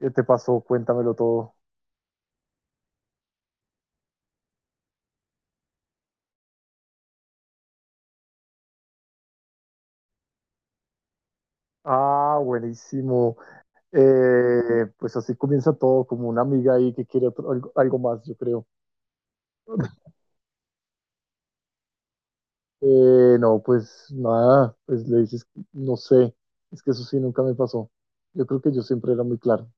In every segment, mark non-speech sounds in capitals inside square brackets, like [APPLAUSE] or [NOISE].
¿Qué te pasó? Cuéntamelo todo. Ah, buenísimo. Pues así comienza todo, como una amiga ahí que quiere algo, algo más, yo creo. [LAUGHS] No, pues nada, pues le dices, no sé, es que eso sí nunca me pasó. Yo creo que yo siempre era muy claro.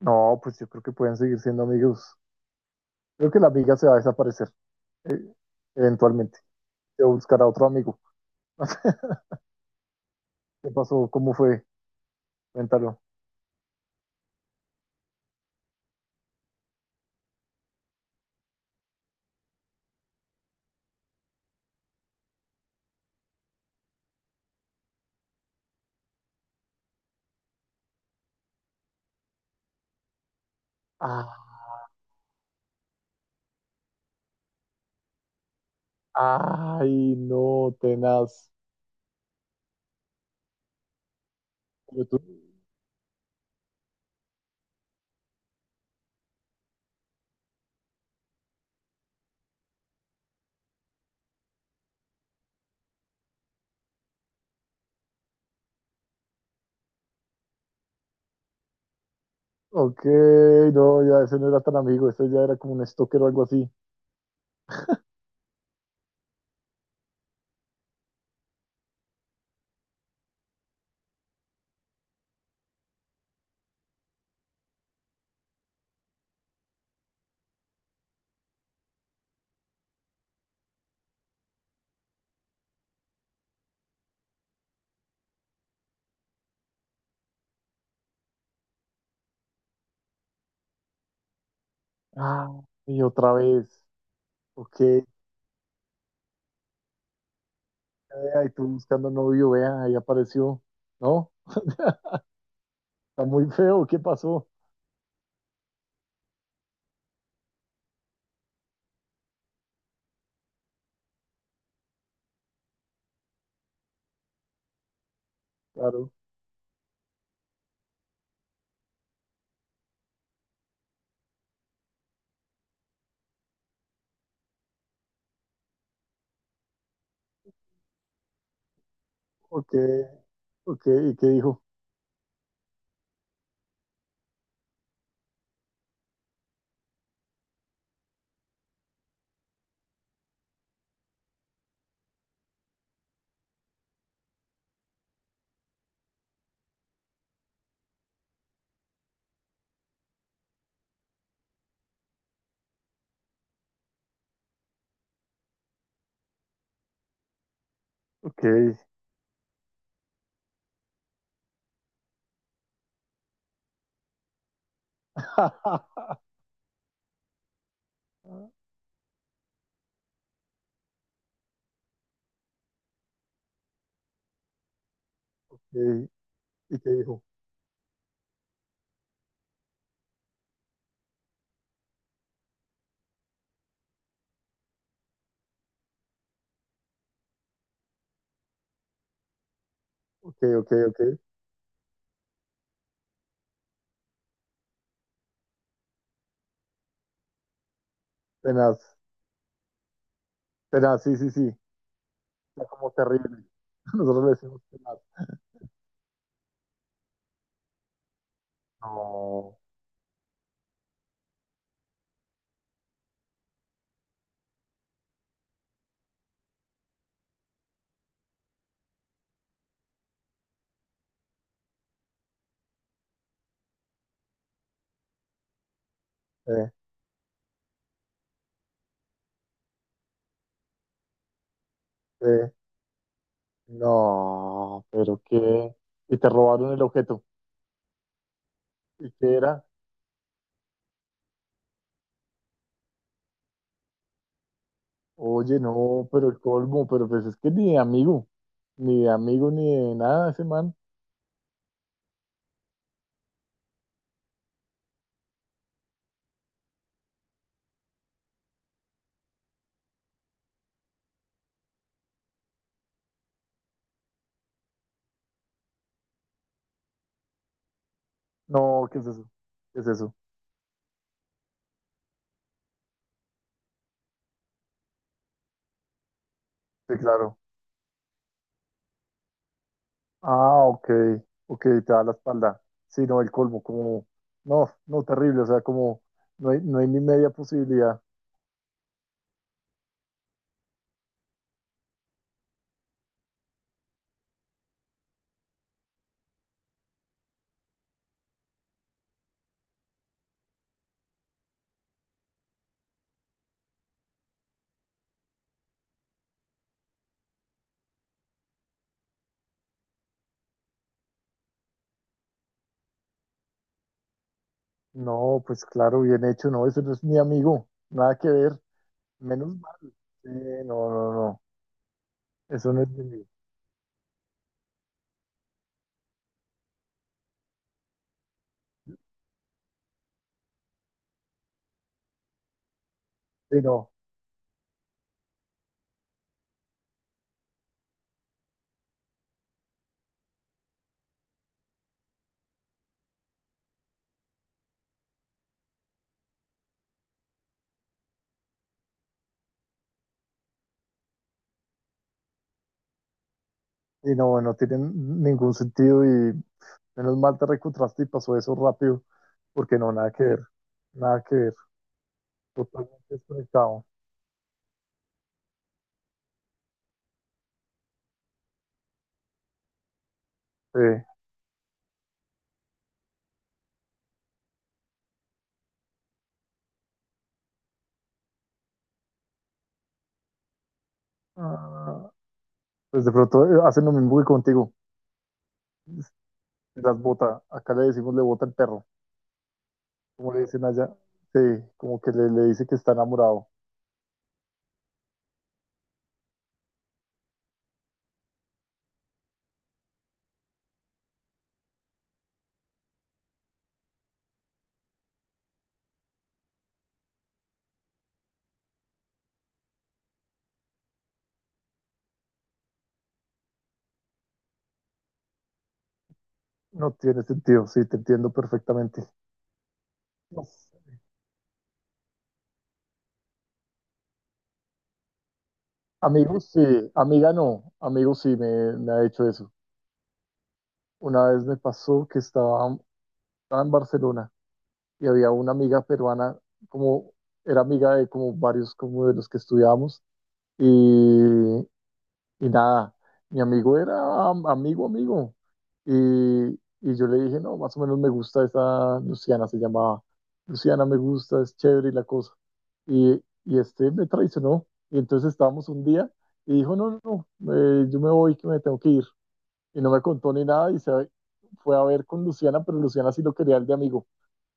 No, pues yo creo que pueden seguir siendo amigos. Creo que la amiga se va a desaparecer, eh, eventualmente. Se va a buscar a otro amigo. [LAUGHS] ¿Qué pasó? ¿Cómo fue? Cuéntalo. Ah, ay, no, tenaz. Pero tú- Ok, no, ya ese no era tan amigo, ese ya era como un stalker o algo así. Ah, y otra vez. Ok, vea, y tú buscando novio, vea, ahí apareció. No, está muy [LAUGHS] feo, ¿qué pasó? Claro, ok, ok, ¿y qué dijo? Ok. [LAUGHS] Ok, ¿y qué dijo? Ok, ok, ok. Tenaz, tenaz, sí, sí, sí. Está como terrible. [LAUGHS] Nosotros le decimos tenaz. No, eh, eh, no, pero qué. Y te robaron el objeto. ¿Y qué era? Oye, no, pero el colmo, pero pues es que ni de amigo, ni de amigo, ni de nada ese man. No, ¿qué es eso? ¿Qué es eso? Sí, claro. Ah, ok, ok, te da la espalda. Sí, no, el colmo, como, no, no, terrible, o sea, como, no hay, no hay ni media posibilidad. No, pues claro, bien hecho, no, eso no es mi amigo, nada que ver, menos mal. Sí, no, no, no, eso no es mi amigo. Sí, no, y no, no tiene ningún sentido Menos mal te reencontraste y pasó eso rápido, porque no, nada que ver, nada que ver, totalmente desconectado. Sí. Ah, pues de pronto hacen lo mismo que contigo, las bota, acá le decimos le bota el perro, como le dicen allá, sí, como que le dice que está enamorado. No tiene sentido, sí, te entiendo perfectamente. No sé. Amigos, sí, amiga no, amigos sí me ha hecho eso. Una vez me pasó que estaba en Barcelona y había una amiga peruana, como era amiga de como varios como de los que estudiábamos y, y nada, mi amigo era amigo, amigo. Y, y yo le dije, no, más o menos me gusta esa Luciana, se llamaba. Luciana me gusta, es chévere y la cosa. Y este me traicionó. Y entonces estábamos un día y dijo, no, no, no, yo me voy, que me tengo que ir. Y no me contó ni nada y se fue a ver con Luciana, pero Luciana sí lo quería el de amigo.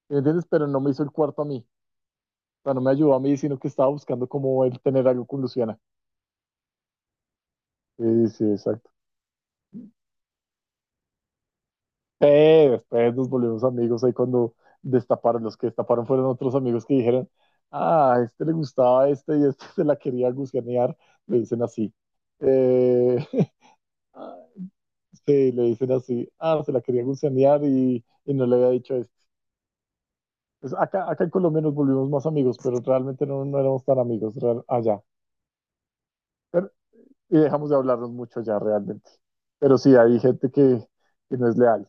¿Me ¿Entiendes? Pero no me hizo el cuarto a mí, no me ayudó a mí, sino que estaba buscando cómo él tener algo con Luciana. Sí, sí, exacto. Pero después nos volvimos amigos ahí cuando destaparon, los que destaparon fueron otros amigos que dijeron, ah, a este le gustaba este y este [LAUGHS] se la quería gusanear, le dicen así. Eh, [LAUGHS] ah, sí, le dicen así, ah, se la quería gusanear y no le había dicho esto. Pues acá en Colombia nos volvimos más amigos, pero realmente no, no éramos tan amigos allá. Pero, y dejamos de hablarnos mucho ya realmente. Pero sí, hay gente que no es leal.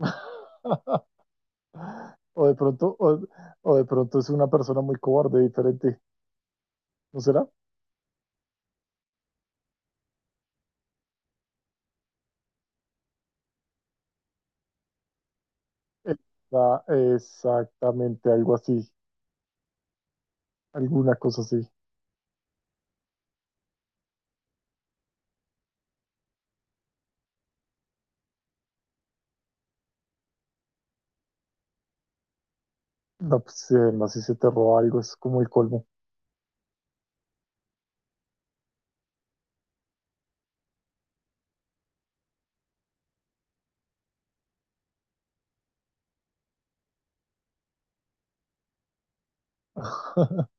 [LAUGHS] O de pronto, o, o de pronto es una persona muy cobarde, diferente, ¿no será? Está exactamente algo así, alguna cosa así. No, pues más si se te roba algo, es como el colmo. [LAUGHS]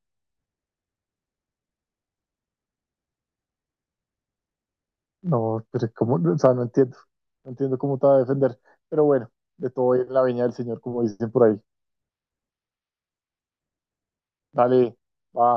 No, pero como, o sea, no entiendo, no entiendo cómo te va a defender. Pero bueno, de todo en la viña del Señor, como dicen por ahí. Dale, va.